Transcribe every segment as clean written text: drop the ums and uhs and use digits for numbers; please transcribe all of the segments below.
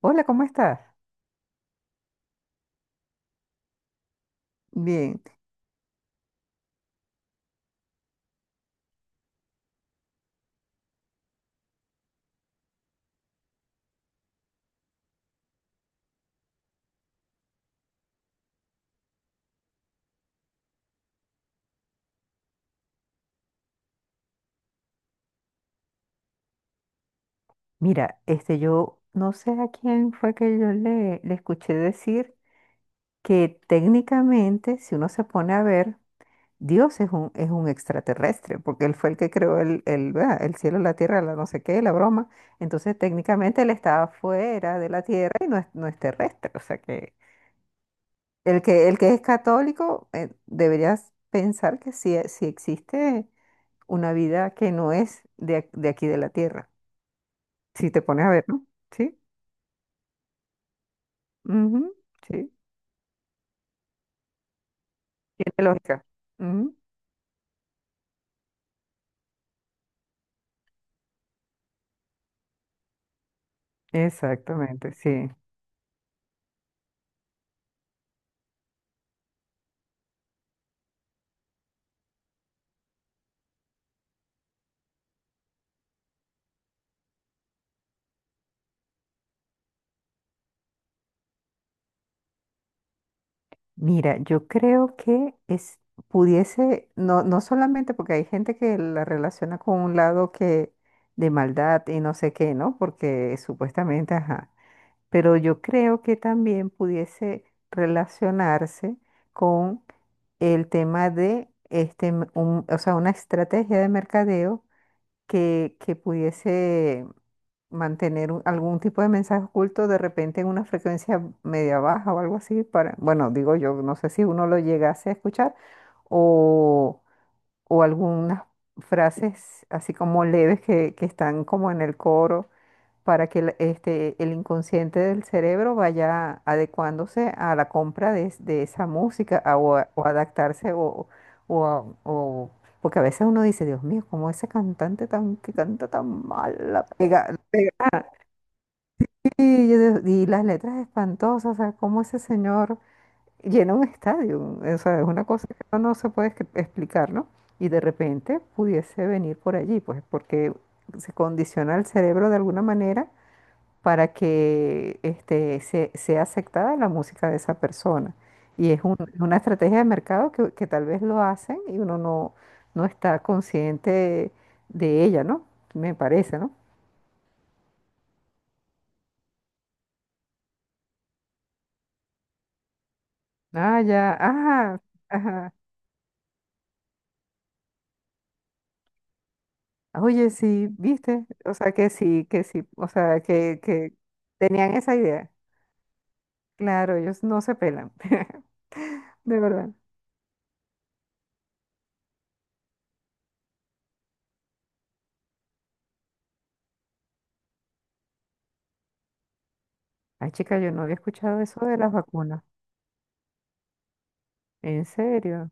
Hola, ¿cómo estás? Bien. Mira, yo no sé a quién fue que yo le escuché decir que técnicamente, si uno se pone a ver, Dios es es un extraterrestre, porque él fue el que creó ¿verdad? El cielo, la tierra, la no sé qué, la broma. Entonces, técnicamente él estaba fuera de la tierra y no es terrestre. O sea que el que es católico, deberías pensar que sí, sí existe una vida que no es de aquí de la tierra. Si te pones a ver, ¿no? Sí, ujú, sí, tiene lógica. Ujú, exactamente, sí. Mira, yo creo que es, pudiese, no, no solamente porque hay gente que la relaciona con un lado que de maldad y no sé qué, ¿no? Porque supuestamente, ajá. Pero yo creo que también pudiese relacionarse con el tema de o sea, una estrategia de mercadeo que pudiese mantener un- algún tipo de mensaje oculto de repente en una frecuencia media baja o algo así para, bueno, digo yo, no sé si uno lo llegase a escuchar o, o algunas frases así como leves que están como en el coro para que el inconsciente del cerebro vaya adecuándose a la compra de esa música o adaptarse o, a- o- porque a veces uno dice, Dios mío, cómo ese cantante tan que canta tan mal, la pega, la pega". Y, yo digo, "Y las letras espantosas, o sea, cómo ese señor llena un estadio, o sea, es una cosa que uno no se puede escri- explicar, ¿no? Y de repente pudiese venir por allí, pues porque se condiciona el cerebro de alguna manera para que sea aceptada la música de esa persona. Y es un- es una estrategia de mercado que tal vez lo hacen y uno no, no está consciente de ella, ¿no? Me parece, ¿no? Ah, ya, ajá, ajá. Oye, sí, viste, o sea, que sí, o sea, que tenían esa idea. Claro, ellos no se pelan, de verdad. Ay, chica, yo no había escuchado eso de las vacunas. ¿En serio?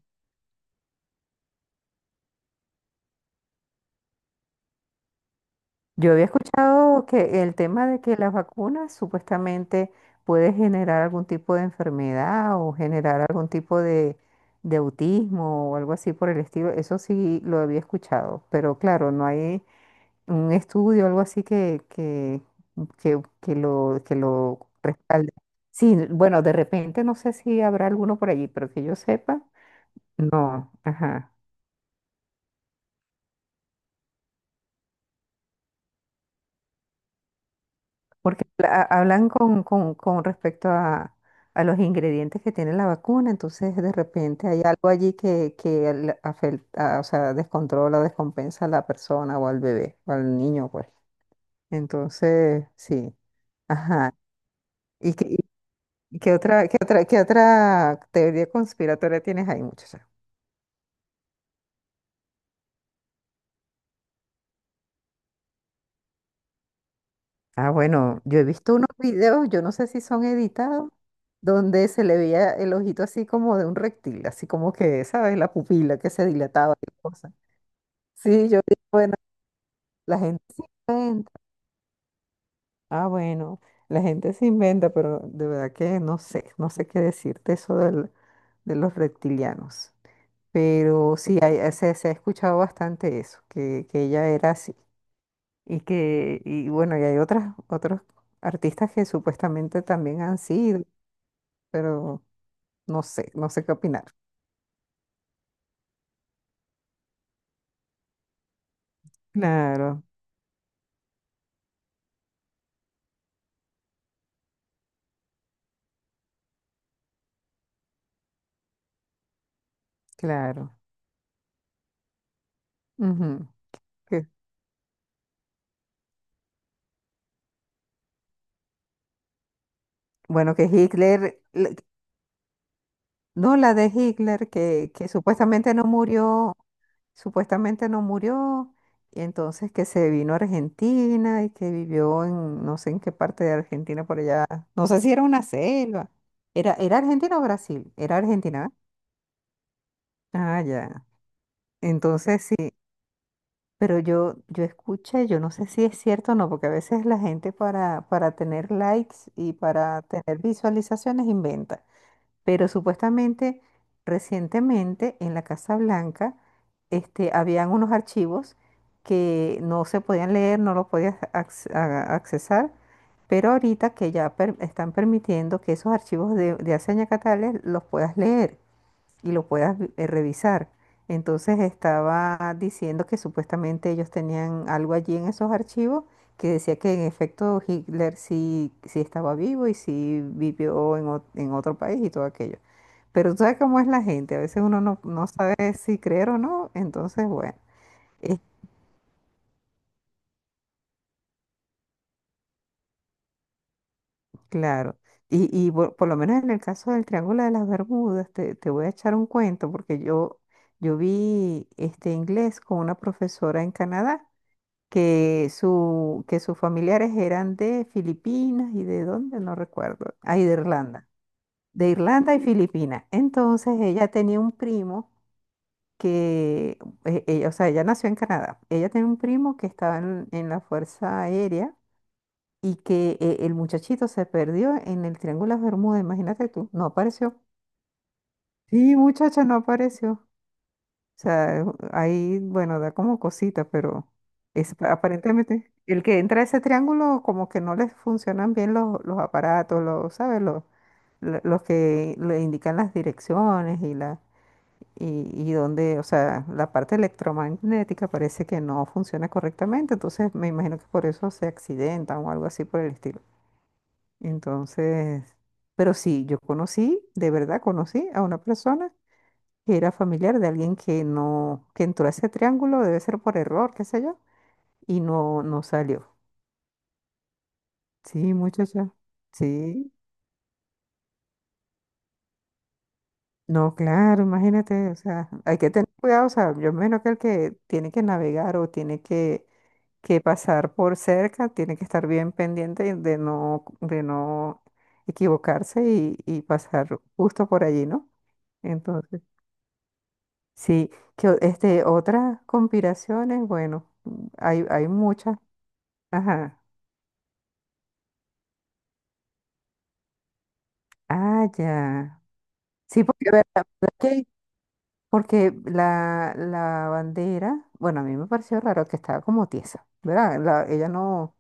Yo había escuchado que el tema de que las vacunas supuestamente puede generar algún tipo de enfermedad o generar algún tipo de autismo o algo así por el estilo. Eso sí lo había escuchado, pero claro, no hay un estudio o algo así que lo respalde. Sí, bueno, de repente no sé si habrá alguno por allí, pero que yo sepa, no. Ajá. Porque ha- hablan con respecto a los ingredientes que tiene la vacuna, entonces de repente hay algo allí que le afecta, o sea, descontrola o descompensa a la persona o al bebé o al niño, pues. Entonces, sí, ajá. ¿Y qué, qué otra teoría conspiratoria tienes ahí, muchachos? Ah, bueno, yo he visto unos videos, yo no sé si son editados, donde se le veía el ojito así como de un reptil, así como que, ¿sabes? La pupila que se dilataba y cosas. Sí, yo digo, bueno, la gente se inventa. Ah, bueno, la gente se inventa, pero de verdad que no sé, no sé qué decirte eso del- de los reptilianos. Pero sí, hay- se ha escuchado bastante eso, que ella era así. Y que, y bueno, y hay otros artistas que supuestamente también han sido, pero no sé, no sé qué opinar. Claro, claro. Ujú. Que- bueno, que Hitler, le- no la de Hitler, que supuestamente no murió, y entonces que se vino a Argentina y que vivió en no sé en qué parte de Argentina por allá, no sé si era una selva, era Argentina o Brasil, era Argentina, ¿verdad? Ah, ya. Entonces sí. Pero yo escuché, yo no sé si es cierto o no, porque a veces la gente para tener likes y para tener visualizaciones inventa. Pero supuestamente recientemente en la Casa Blanca este, habían unos archivos que no se podían leer, no los podías accesar, pero ahorita que ya per- están permitiendo que esos archivos de hace añacatales los puedas leer y lo puedas revisar. Entonces estaba diciendo que supuestamente ellos tenían algo allí en esos archivos que decía que en efecto Hitler sí, sí estaba vivo y sí vivió en otro país y todo aquello. Pero tú sabes cómo es la gente, a veces uno no, no sabe si creer o no, entonces bueno, es claro. Por lo menos en el caso del Triángulo de las Bermudas, te voy a echar un cuento porque yo vi este inglés con una profesora en Canadá que sus familiares eran de Filipinas y de dónde, no recuerdo, ahí de Irlanda y Filipinas. Entonces ella tenía un primo que, ella, o sea, ella nació en Canadá, ella tenía un primo que estaba en la Fuerza Aérea y que el muchachito se perdió en el Triángulo de Bermuda, imagínate tú, no apareció. Sí, muchacha, no apareció. Sea, ahí, bueno, da como cosita, pero es, aparentemente el que entra a ese triángulo como que no les funcionan bien los aparatos, los, ¿sabes? Los, lo- los que le indican las direcciones y la y dónde, o sea, la parte electromagnética parece que no funciona correctamente, entonces me imagino que por eso se accidentan o algo así por el estilo. Entonces, pero sí, yo conocí, de verdad conocí a una persona que era familiar de alguien que no, que entró a ese triángulo, debe ser por error, qué sé yo, y no salió. Sí, muchacha. Sí. No, claro, imagínate, o sea, hay que tener cuidado, o sea, yo menos que el que tiene que navegar o tiene que pasar por cerca, tiene que estar bien pendiente de no equivocarse y pasar justo por allí, ¿no? Entonces, sí, que o- este, otras conspiraciones, bueno, hay muchas, ajá. Ah, ya. Sí, porque, a ver, la verdad que- porque la bandera, bueno, a mí me pareció raro que estaba como tiesa, ¿verdad? La- ella no,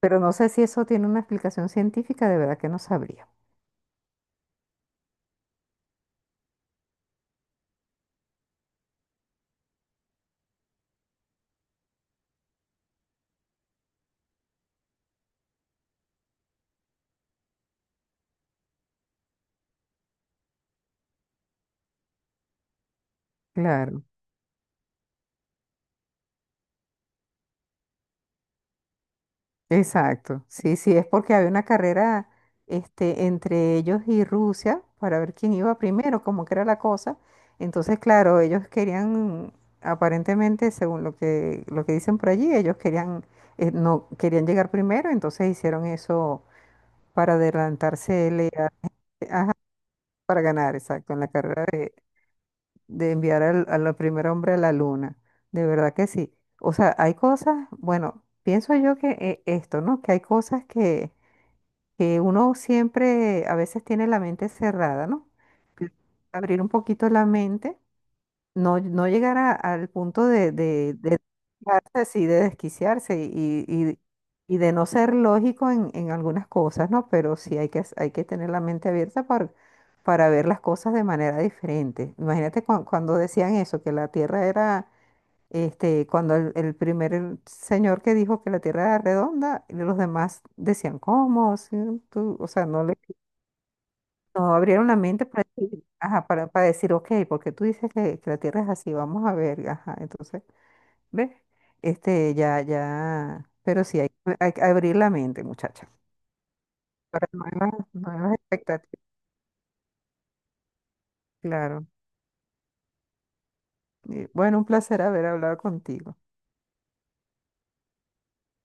pero no sé si eso tiene una explicación científica, de verdad que no sabría. Claro. Exacto, sí, sí, es porque había una carrera este, entre ellos y Rusia para ver quién iba primero, cómo que era la cosa. Entonces, claro, ellos querían, aparentemente, según lo lo que dicen por allí, ellos querían, no, querían llegar primero, entonces hicieron eso para adelantarse, LA para ganar, exacto, en la carrera de enviar al primer hombre a la luna. De verdad que sí. O sea, hay cosas, bueno, pienso yo que esto, ¿no? Que hay cosas que uno siempre a veces tiene la mente cerrada, ¿no? Pero abrir un poquito la mente, no, no llegar a- al punto de desquiciarse, sí, de desquiciarse y de no ser lógico en algunas cosas, ¿no? Pero sí hay que tener la mente abierta para ver las cosas de manera diferente. Imagínate cuan- cuando decían eso, que la Tierra era este, cuando el primer señor que dijo que la Tierra era redonda, y los demás decían, ¿cómo? Sí, tú", o sea, no le no abrieron la mente para decir, ajá, para decir, ok, porque tú dices que la Tierra es así, vamos a ver, ajá, entonces, ¿ves? Este, ya, ya, pero sí, hay que abrir la mente, muchacha, para nuevas, nuevas expectativas, claro. Y, bueno, un placer haber hablado contigo.